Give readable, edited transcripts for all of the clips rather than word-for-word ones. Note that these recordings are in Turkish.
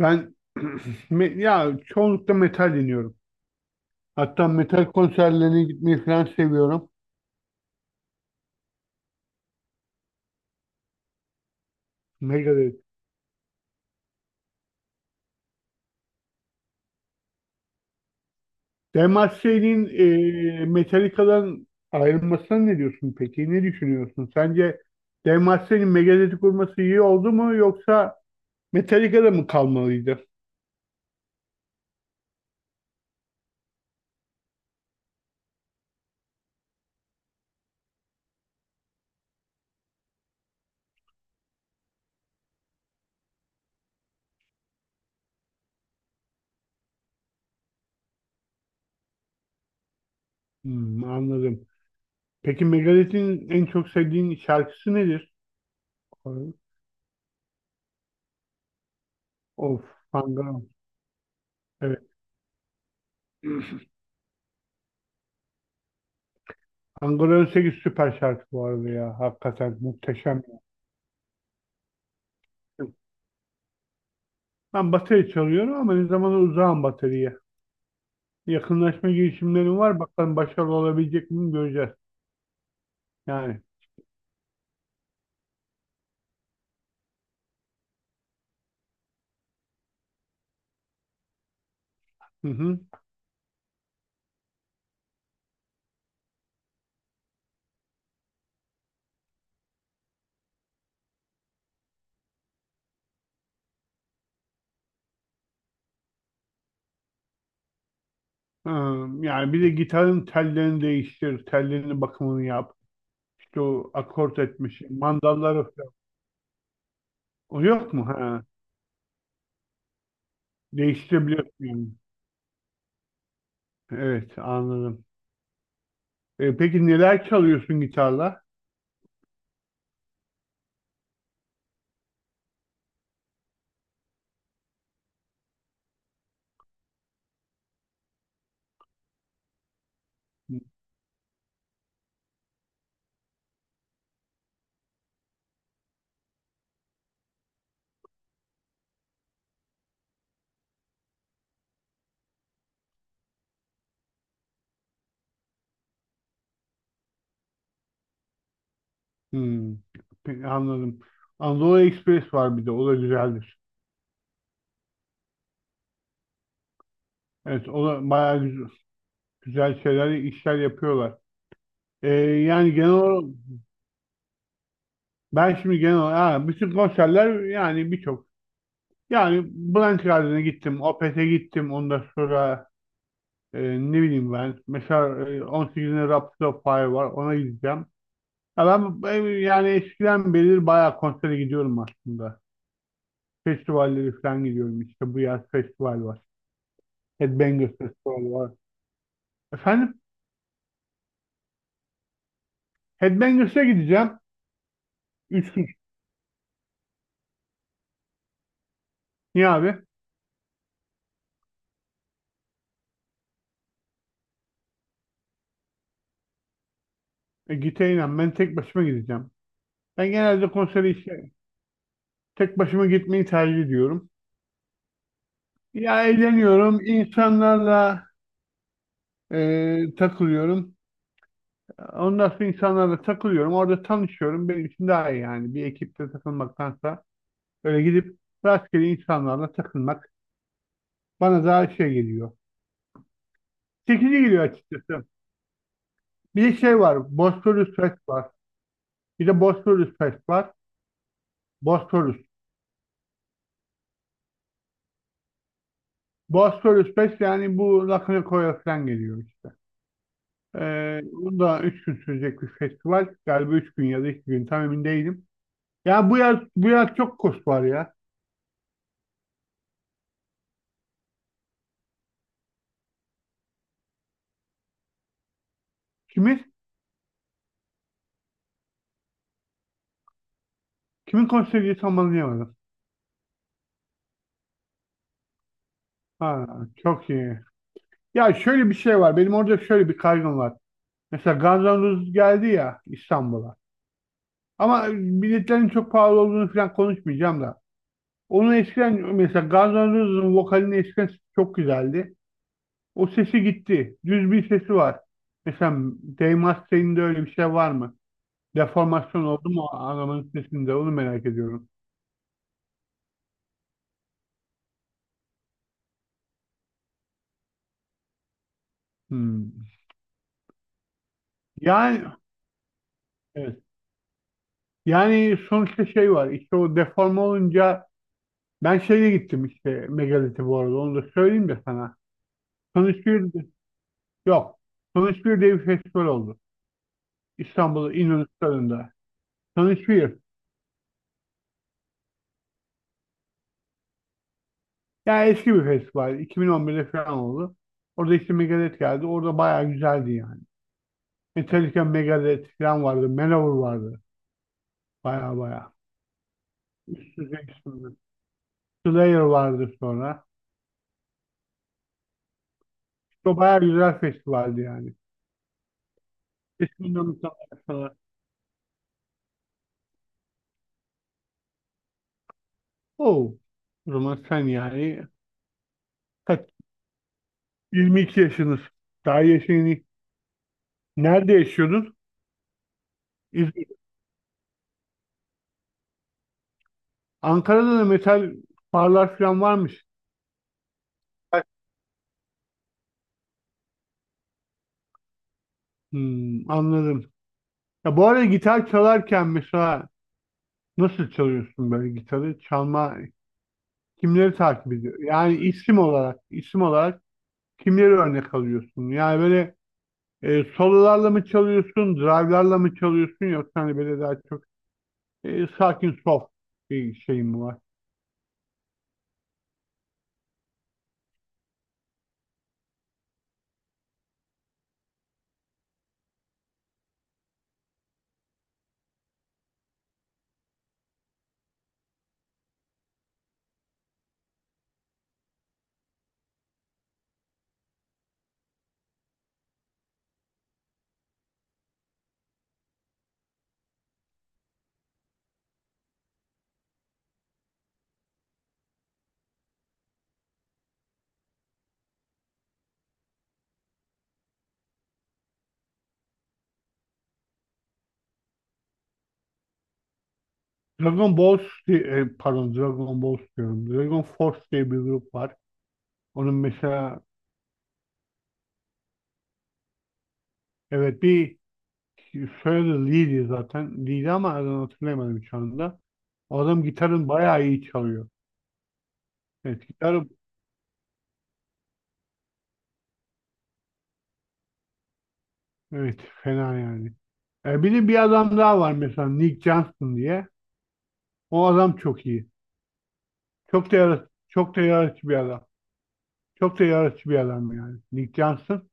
Ben ya çoğunlukla metal dinliyorum. Hatta metal konserlerine gitmeyi falan seviyorum. Megadeth. Demacia'nın Metallica'dan ayrılmasına ne diyorsun peki? Ne düşünüyorsun? Sence Demacia'nın Megadeth'i kurması iyi oldu mu yoksa Metallica'da mı kalmalıydı? Hmm, anladım. Peki Megadeth'in en çok sevdiğin şarkısı nedir? Of, Hangar. Evet. Hangar 18 süper şarkı bu arada ya. Hakikaten muhteşem. Ben bateri çalıyorum ama ne zamanda uzağım bataryaya. Yakınlaşma girişimlerim var. Bakalım başarılı olabilecek miyim göreceğiz. Yani. Hı hı. Ee, Yani bir de gitarın tellerini değiştir. Tellerinin bakımını yap. İşte o akort etmiş. Mandalları falan. O yok mu? Ha. Değiştirebiliyorsun yani. Evet, anladım. E, peki neler çalıyorsun gitarla? Hı. Hmm. Peki, anladım. Anadolu Express var bir de. O da güzeldir. Evet, o da bayağı güzel, güzel şeyler, işler yapıyorlar. Ee, yani genel olarak ben şimdi genel olarak ha, bütün konserler yani birçok. Yani Blank Garden'a gittim, Opeth'e gittim. Ondan sonra e, ne bileyim ben. Mesela 18'inde Rhapsody of Fire var. Ona gideceğim. Ya ben yani eskiden beri bayağı konsere gidiyorum aslında. Festivalleri falan gidiyorum. İşte bu yaz festival var. Headbangers Festival var. Efendim. Headbangers'a gideceğim. Üç gün. Niye abi? E, gideyim ben, tek başıma gideceğim. Ben genelde konsere işte tek başıma gitmeyi tercih ediyorum. Ya eğleniyorum, insanlarla takılıyorum. Ondan sonra insanlarla takılıyorum. Orada tanışıyorum. Benim için daha iyi yani. Bir ekipte takılmaktansa öyle gidip rastgele insanlarla takılmak bana daha şey geliyor. Çekici geliyor açıkçası. Bir de şey var. Bosphorus Fest var. Bir de Bosphorus Fest var. Bosphorus. Bosphorus Fest yani bu Lakanikoya falan geliyor işte. Bu da üç gün sürecek bir festival. Galiba üç gün ya da iki gün tam emin değilim. Ya bu yaz çok kurs var ya. Kimin? Kimin konseri diye tam anlayamadım. Ha, çok iyi. Ya şöyle bir şey var. Benim orada şöyle bir kaygım var. Mesela Guns N' Roses geldi ya İstanbul'a. Ama biletlerin çok pahalı olduğunu falan konuşmayacağım da. Onun eskiden mesela Guns N' Roses'ın vokalinin eskiden çok güzeldi. O sesi gitti. Düz bir sesi var. Mesela Dave Mustaine'de öyle bir şey var mı? Deformasyon oldu mu adamın sesinde? Onu merak ediyorum. Hmm. Yani evet. Yani sonuçta şey var. İşte o deforme olunca ben şeye gittim işte Megalit'e bu arada. Onu da söyleyeyim de sana. Sonuç bir yok. Sonuç bir diye bir festival oldu. İstanbul'da İnönü Stadı'nda. Sonuç bir. Yani eski bir festival. 2011'de falan oldu. Orada işte Megadeth geldi. Orada bayağı güzeldi yani. Metallica, Megadeth falan vardı. Manowar vardı. Baya baya. Üst düzey isimler. Slayer vardı sonra. İşte baya güzel festivaldi yani. Bismillahirrahmanirrahim. Oo. O zaman sen yani kaç? 22 yaşınız. Daha yaşın, nerede yaşıyordun? İzmir. Ankara'da da metal barlar falan varmış. Hmm, anladım. Ya bu arada gitar çalarken mesela nasıl çalıyorsun böyle gitarı? Çalma kimleri takip ediyor? Yani isim olarak, isim olarak kimleri örnek alıyorsun? Yani böyle sololarla mı çalıyorsun, drive'larla mı çalıyorsun yoksa hani böyle daha çok sakin soft bir şey mi var? Dragon Ball, di- e, pardon, Dragon Balls diyorum. Dragon Force diye bir grup var. Onun mesela evet bir soyadı Lee'di zaten. Lee'di ama adını hatırlayamadım şu anda. O adam gitarın bayağı iyi çalıyor. Evet, gitarı evet fena yani. E, bir de bir adam daha var mesela Nick Johnson diye. O adam çok iyi. Çok da yaratıcı, çok da yaratıcı bir adam. Çok da yaratıcı bir adam yani. Nick Johnson.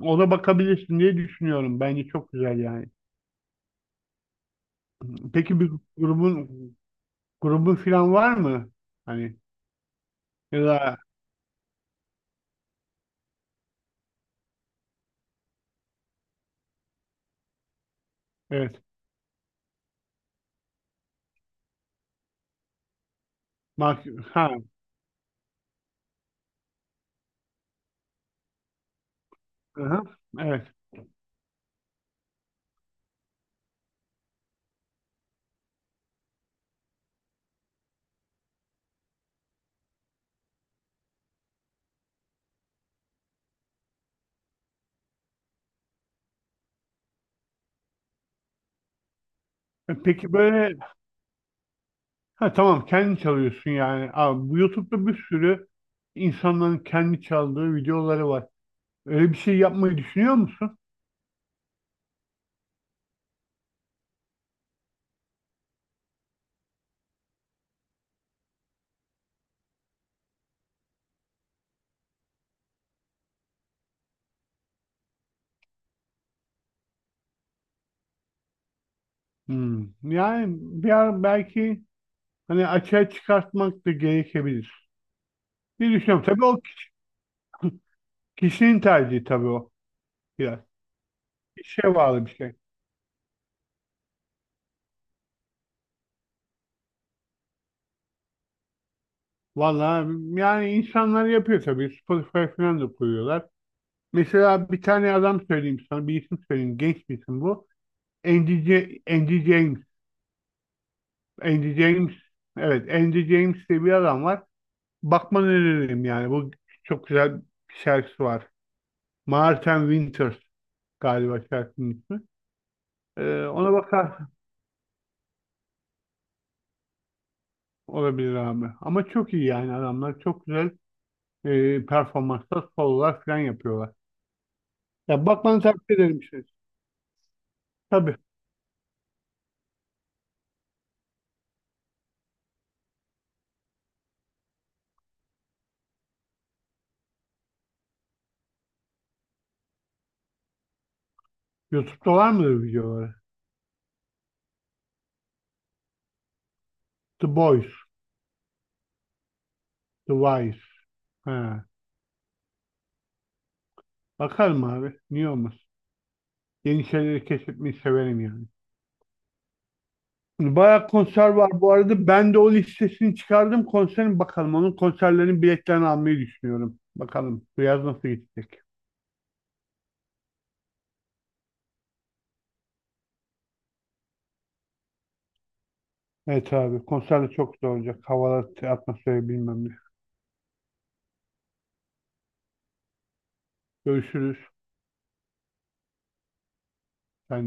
Ona bakabilirsin diye düşünüyorum. Bence çok güzel yani. Peki bir grubun grubun falan var mı? Hani ya da evet. Mark, ha, aha, evet. E, peki böyle ha, tamam kendi çalıyorsun yani. Abi, bu YouTube'da bir sürü insanların kendi çaldığı videoları var. Öyle bir şey yapmayı düşünüyor musun? Hmm. Yani bir ara belki hani açığa çıkartmak da gerekebilir. Bir düşünüyorum. Tabii o kişinin tercihi, tabii o biraz. İşe bağlı bir şey. Vallahi yani insanlar yapıyor tabii. Spotify falan da koyuyorlar. Mesela bir tane adam söyleyeyim sana. Bir isim söyleyeyim. Genç bir isim bu. Andy James. Andy James. Evet. Andy James diye bir adam var. Bakmanı öneririm yani. Bu çok güzel bir şarkısı var. Martin Winters galiba şarkının ismi. Ona bakar olabilir abi. Ama çok iyi yani adamlar. Çok güzel performansta sololar falan yapıyorlar. Ya bakmanı tavsiye ederim işte. Tabii. YouTube'da var mıdır videoları? The Boys, The Wise. Ha. Bakarım abi. Niye olmaz? Yeni şeyleri keşfetmeyi severim yani. Bayağı konser var bu arada. Ben de o listesini çıkardım. Konserin bakalım. Onun konserlerinin biletlerini almayı düşünüyorum. Bakalım. Bu yaz nasıl gidecek? Evet abi. Konser de çok güzel olacak. Havalar, atmosferi bilmem ne. Görüşürüz. Sen